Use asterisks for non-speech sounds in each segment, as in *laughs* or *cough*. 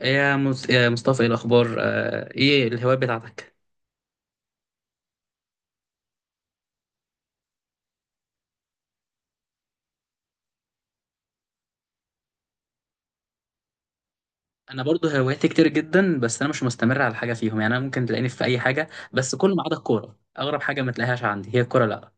يا مصطفى، ايه الاخبار؟ ايه الهوايات بتاعتك؟ انا برضو هواياتي كتير جدا، بس انا مش مستمر على حاجه فيهم. يعني انا ممكن تلاقيني في اي حاجه، بس كل ما عدا الكوره. اغرب حاجه ما تلاقيهاش عندي هي الكوره، لا.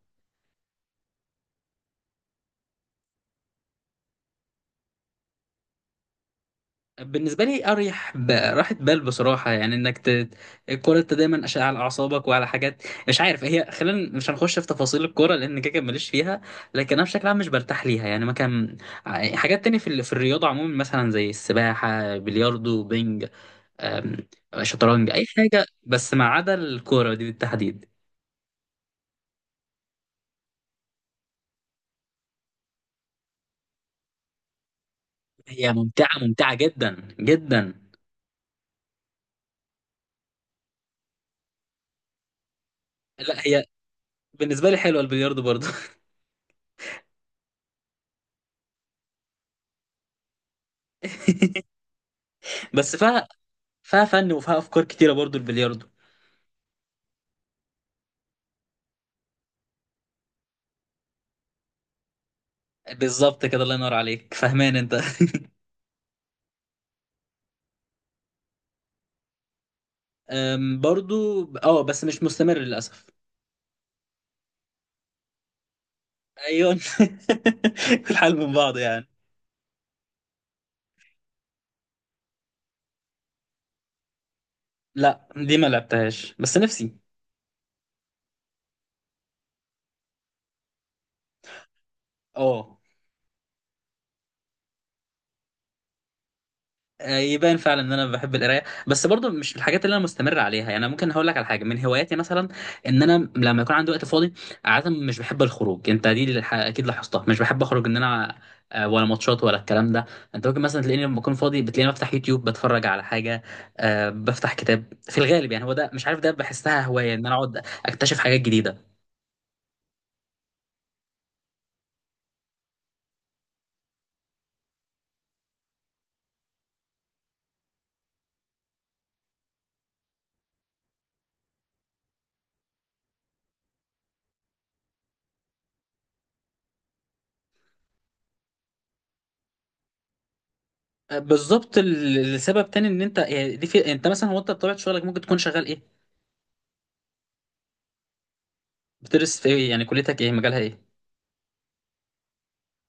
بالنسبه لي اريح راحه بال بصراحه، يعني انك الكوره انت دايما على اعصابك وعلى حاجات مش عارف هي. خلينا مش هنخش في تفاصيل الكوره لان كده كده ماليش فيها. لكن انا بشكل عام مش برتاح ليها، يعني ما كان حاجات تانية في الرياضه عموما، مثلا زي السباحه، بلياردو، بينج، آم، شطرنج، اي حاجه بس ما عدا الكوره دي بالتحديد. هي ممتعه، ممتعه جدا جدا. لا، هي بالنسبه لي حلوه البلياردو برضو. *laughs* بس فيها فن وفيها افكار كتيره برضو البلياردو. بالظبط كده. الله ينور عليك، فهمان انت. برضو اه، بس مش مستمر للاسف. ايون. *laughs* الحال من بعض يعني. لا، دي ما لعبتهاش بس نفسي. اه. يبان فعلا ان انا بحب القرايه، بس برضو مش الحاجات اللي انا مستمر عليها. يعني انا ممكن هقول لك على حاجه من هواياتي مثلا، ان انا لما يكون عندي وقت فاضي. عاده مش بحب الخروج، انت دي اللي اكيد لاحظتها، مش بحب اخرج ان انا ولا ماتشات ولا الكلام ده. انت ممكن مثلا تلاقيني لما اكون فاضي، بتلاقيني بفتح يوتيوب بتفرج على حاجه. بفتح كتاب في الغالب. يعني هو ده مش عارف، ده بحسها هوايه ان انا اقعد اكتشف حاجات جديده. بالظبط. السبب تاني ان انت يعني دي، في انت مثلا، هو انت بطبيعه شغلك ممكن تكون شغال ايه؟ بتدرس في ايه؟ يعني كليتك ايه مجالها ايه؟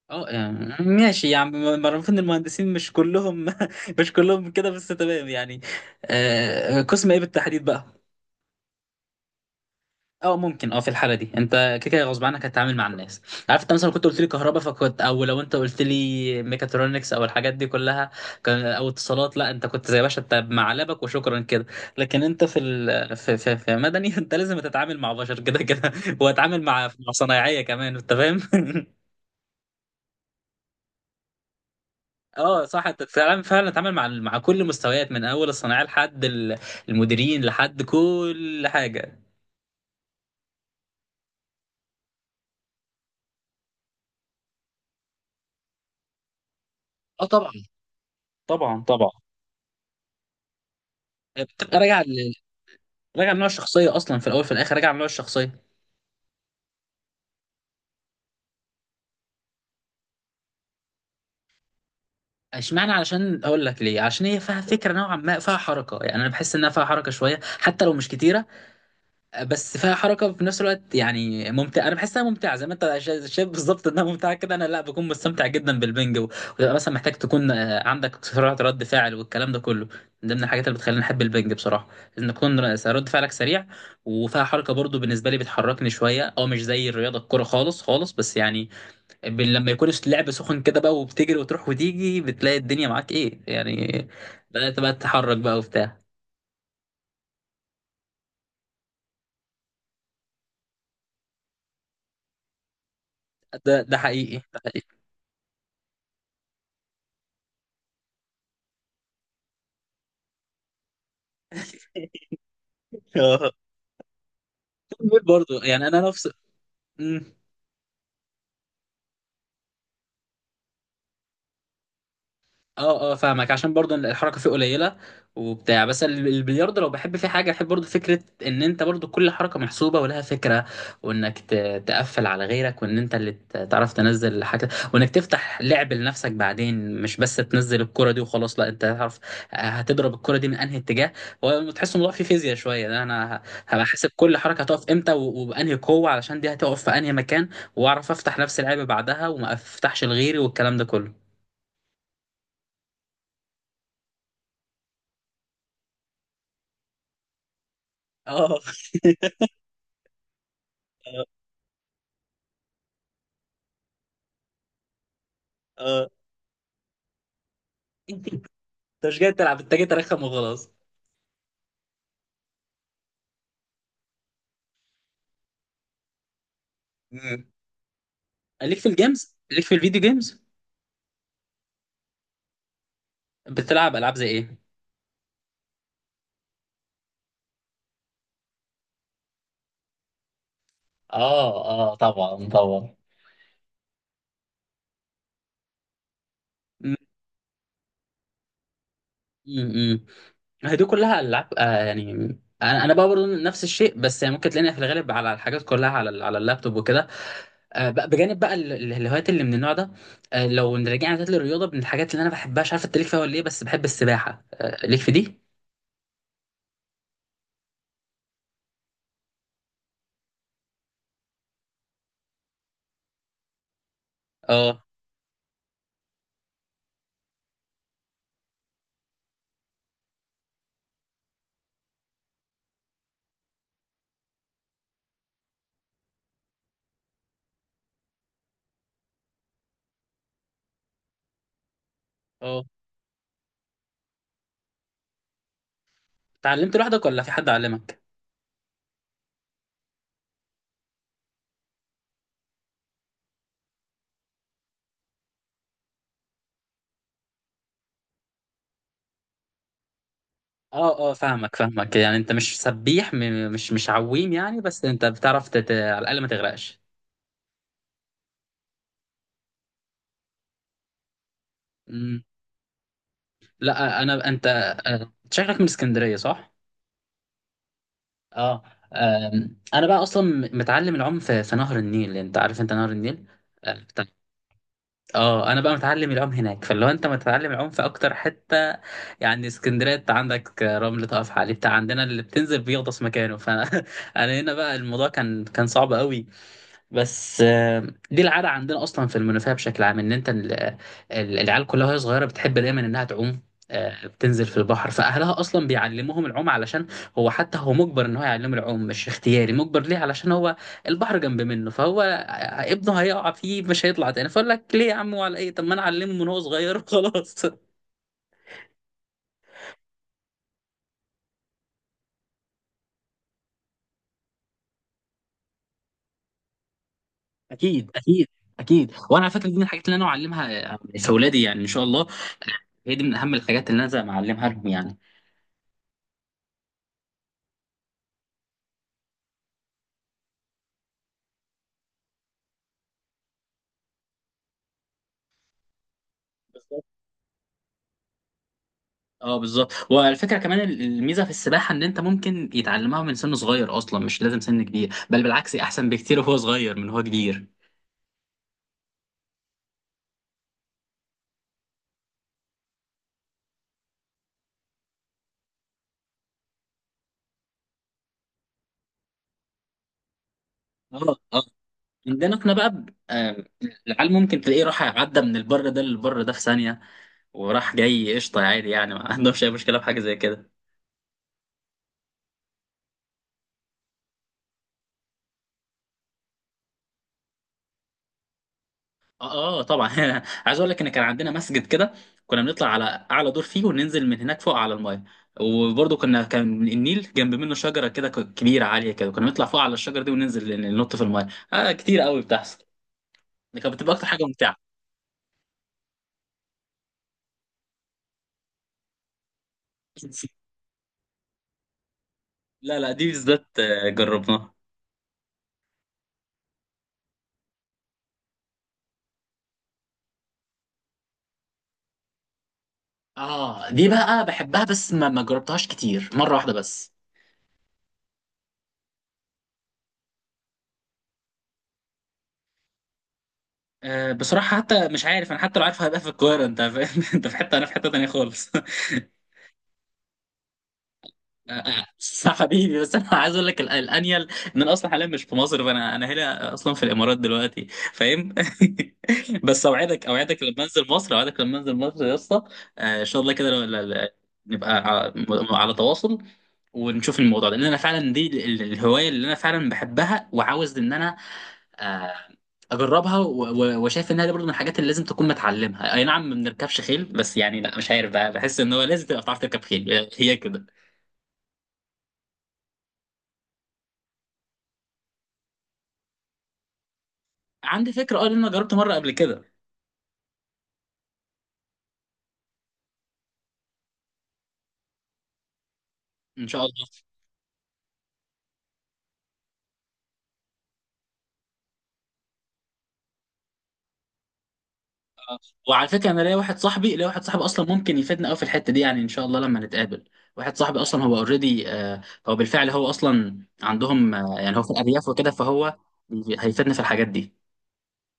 اه يعني ماشي. يعني معروف ان المهندسين مش كلهم *laughs* مش كلهم كده، بس تمام يعني. قسم ايه بالتحديد بقى؟ اه ممكن. اه في الحاله دي انت كده كده غصب عنك هتتعامل مع الناس. عارف انت مثلا كنت قلت لي كهرباء فكنت، او لو انت قلت لي ميكاترونكس او الحاجات دي كلها، كان او اتصالات. لا انت كنت زي باشا، انت معلبك وشكرا كده. لكن انت في ال... في, في, في مدني *laughs* انت لازم تتعامل مع بشر كده كده، وتتعامل مع صنايعيه كمان، انت فاهم؟ *laughs* اه صح، انت فعلا فعلا اتعامل مع كل المستويات من اول الصناعيه لحد المديرين، لحد كل حاجه. اه طبعا طبعا طبعا. بتبقى راجع لنوع الشخصيه اصلا في الاول، في الاخر راجع لنوع الشخصيه. اشمعنى؟ علشان اقول لك ليه، عشان هي فيها فكره نوعا ما، فيها حركه. يعني انا بحس انها فيها حركه شويه حتى لو مش كتيره، بس فيها حركه في نفس الوقت. يعني ممتع، انا بحسها ممتعه زي ما انت شايف بالظبط انها ممتعه كده. انا لا بكون مستمتع جدا بالبنج، و- وتبقى مثلا محتاج تكون عندك سرعه رد فعل والكلام ده كله. من ضمن الحاجات اللي بتخليني احب البنج بصراحه، ان تكون رد فعلك سريع. وفيها حركه برضو، بالنسبه لي بتحركني شويه، اه مش زي الرياضه الكوره خالص خالص، بس يعني لما يكون اللعب سخن كده بقى، وبتجري وتروح وتيجي بتلاقي الدنيا معاك ايه يعني، بدأت بقى تتحرك بقى وبتاع. ده حقيقي، ده حقيقي. *laughs* برضه يعني انا نفس. مم. اه اه فاهمك، عشان برضه الحركه فيه قليله وبتاع، بس البلياردو لو بحب فيه حاجه بحب برضه فكره ان انت برضه كل حركه محسوبه ولها فكره، وانك تقفل على غيرك، وان انت اللي تعرف تنزل الحاجه، وانك تفتح لعب لنفسك بعدين، مش بس تنزل الكره دي وخلاص. لا، انت تعرف هتضرب الكره دي من انهي اتجاه، هو تحس الموضوع فيه فيزياء شويه ده. انا هبقى حاسب كل حركه هتقف امتى، و- وبانهي قوه علشان دي هتقف في انهي مكان، واعرف افتح نفس اللعبه بعدها وما افتحش لغيري، والكلام ده كله. اه. *laughs* اه. *laughs* انت مش جاي تلعب، انت جاي ترخم وخلاص. مم. ليك في الجيمز، ليك في الفيديو جيمز؟ بتلعب العاب زي ايه؟ اه اه طبعا طبعا. م- م- م. هي دي كلها العاب يعني. انا بقى برضه نفس الشيء، بس يعني ممكن تلاقينا في الغالب على الحاجات كلها على اللابتوب وكده. بجانب بقى الهوايات اللي من النوع ده. لو رجعنا تاني للرياضه، من الحاجات اللي انا بحبها، مش عارف انت ليك فيها ولا ايه، بس بحب السباحه، ليك في دي؟ اه اه. اتعلمت لوحدك ولا في حد علمك؟ اه اه فاهمك فاهمك. يعني انت مش سبيح، مش عويم يعني، بس انت بتعرف على الاقل ما تغرقش. مم. لا، انا انت شكلك من اسكندريه صح؟ اه. انا بقى اصلا متعلم العوم في نهر النيل، انت عارف انت نهر النيل. اه انا بقى متعلم العوم هناك، فاللي هو انت متعلم العوم في اكتر حته. يعني اسكندريه انت عندك رمل تقف عليه بتاع، عندنا اللي بتنزل بيغطس مكانه فانا *laughs* انا هنا بقى الموضوع كان صعب قوي. بس دي العاده عندنا اصلا في المنوفيه بشكل عام، ان انت العيال كلها وهي صغيره بتحب دايما انها تعوم. بتنزل في البحر، فاهلها اصلا بيعلموهم العوم، علشان هو حتى، هو مجبر ان هو يعلمهم العوم مش اختياري، مجبر ليه؟ علشان هو البحر جنب منه، فهو ابنه هيقع فيه مش هيطلع تاني. فاقول لك ليه يا عم وعلى ايه؟ طب ما انا اعلمه من هو صغير وخلاص. *laughs* اكيد اكيد اكيد. وانا على فكره دي من الحاجات اللي انا اعلمها في اولادي، يعني ان شاء الله. هي دي من اهم الحاجات اللي انا لازم اعلمها لهم يعني. اه بالظبط. والفكره كمان، الميزه في السباحه ان انت ممكن يتعلمها من سن صغير اصلا، مش لازم سن كبير، بل بالعكس احسن بكتير وهو صغير من هو كبير. اه اه. عندنا احنا بقى العيال ممكن تلاقيه راح عدى من البر ده للبر ده في ثانيه، وراح جاي قشطه عادي، يعني ما عندهمش اي مشكله في حاجه زي كده. اه. طبعا. *laughs* عايز اقول لك ان كان عندنا مسجد كده، كنا بنطلع على اعلى دور فيه وننزل من هناك فوق على المايه. وبرضه كنا، كان النيل جنب منه شجره كده كبيره عاليه كده، كنا بنطلع فوق على الشجره دي وننزل ننط في المايه. اه كتير قوي بتحصل، دي كانت بتبقى اكتر حاجه ممتعه. *laughs* لا لا دي بالذات جربناها. اه دي بقى بحبها، بس ما جربتهاش كتير، مره واحده بس. بصراحه حتى مش عارف انا، حتى لو عارف هبقى في القاهره، انت فاهم؟ *laughs* انت في حته انا في حته تانيه خالص. *laughs* صح حبيبي، بس انا عايز اقول لك الانيل، ان انا اصلا حاليا مش في مصر، فانا هنا اصلا في الامارات دلوقتي. فاهم؟ *laughs* بس اوعدك اوعدك لما انزل مصر، اوعدك لما انزل مصر يا اسطى. ان شاء الله كده. نبقى على تواصل، ونشوف الموضوع ده. لان انا فعلا دي الهوايه اللي انا فعلا بحبها، وعاوز ان انا آه، اجربها، و- و- وشايف انها دي برضه من الحاجات اللي لازم تكون متعلمها. اي نعم ما بنركبش خيل، بس يعني، لا مش عارف بقى بحس ان هو لازم تبقى بتعرف تركب خيل، هي كده. عندي فكره اه، لان انا جربت مره قبل كده. ان شاء الله. وعلى فكره انا ليا واحد صاحبي اصلا ممكن يفيدنا قوي في الحته دي، يعني ان شاء الله لما نتقابل. واحد صاحبي اصلا هو اوريدي، هو بالفعل، هو اصلا عندهم يعني هو في الارياف وكده، فهو هيفيدنا في الحاجات دي.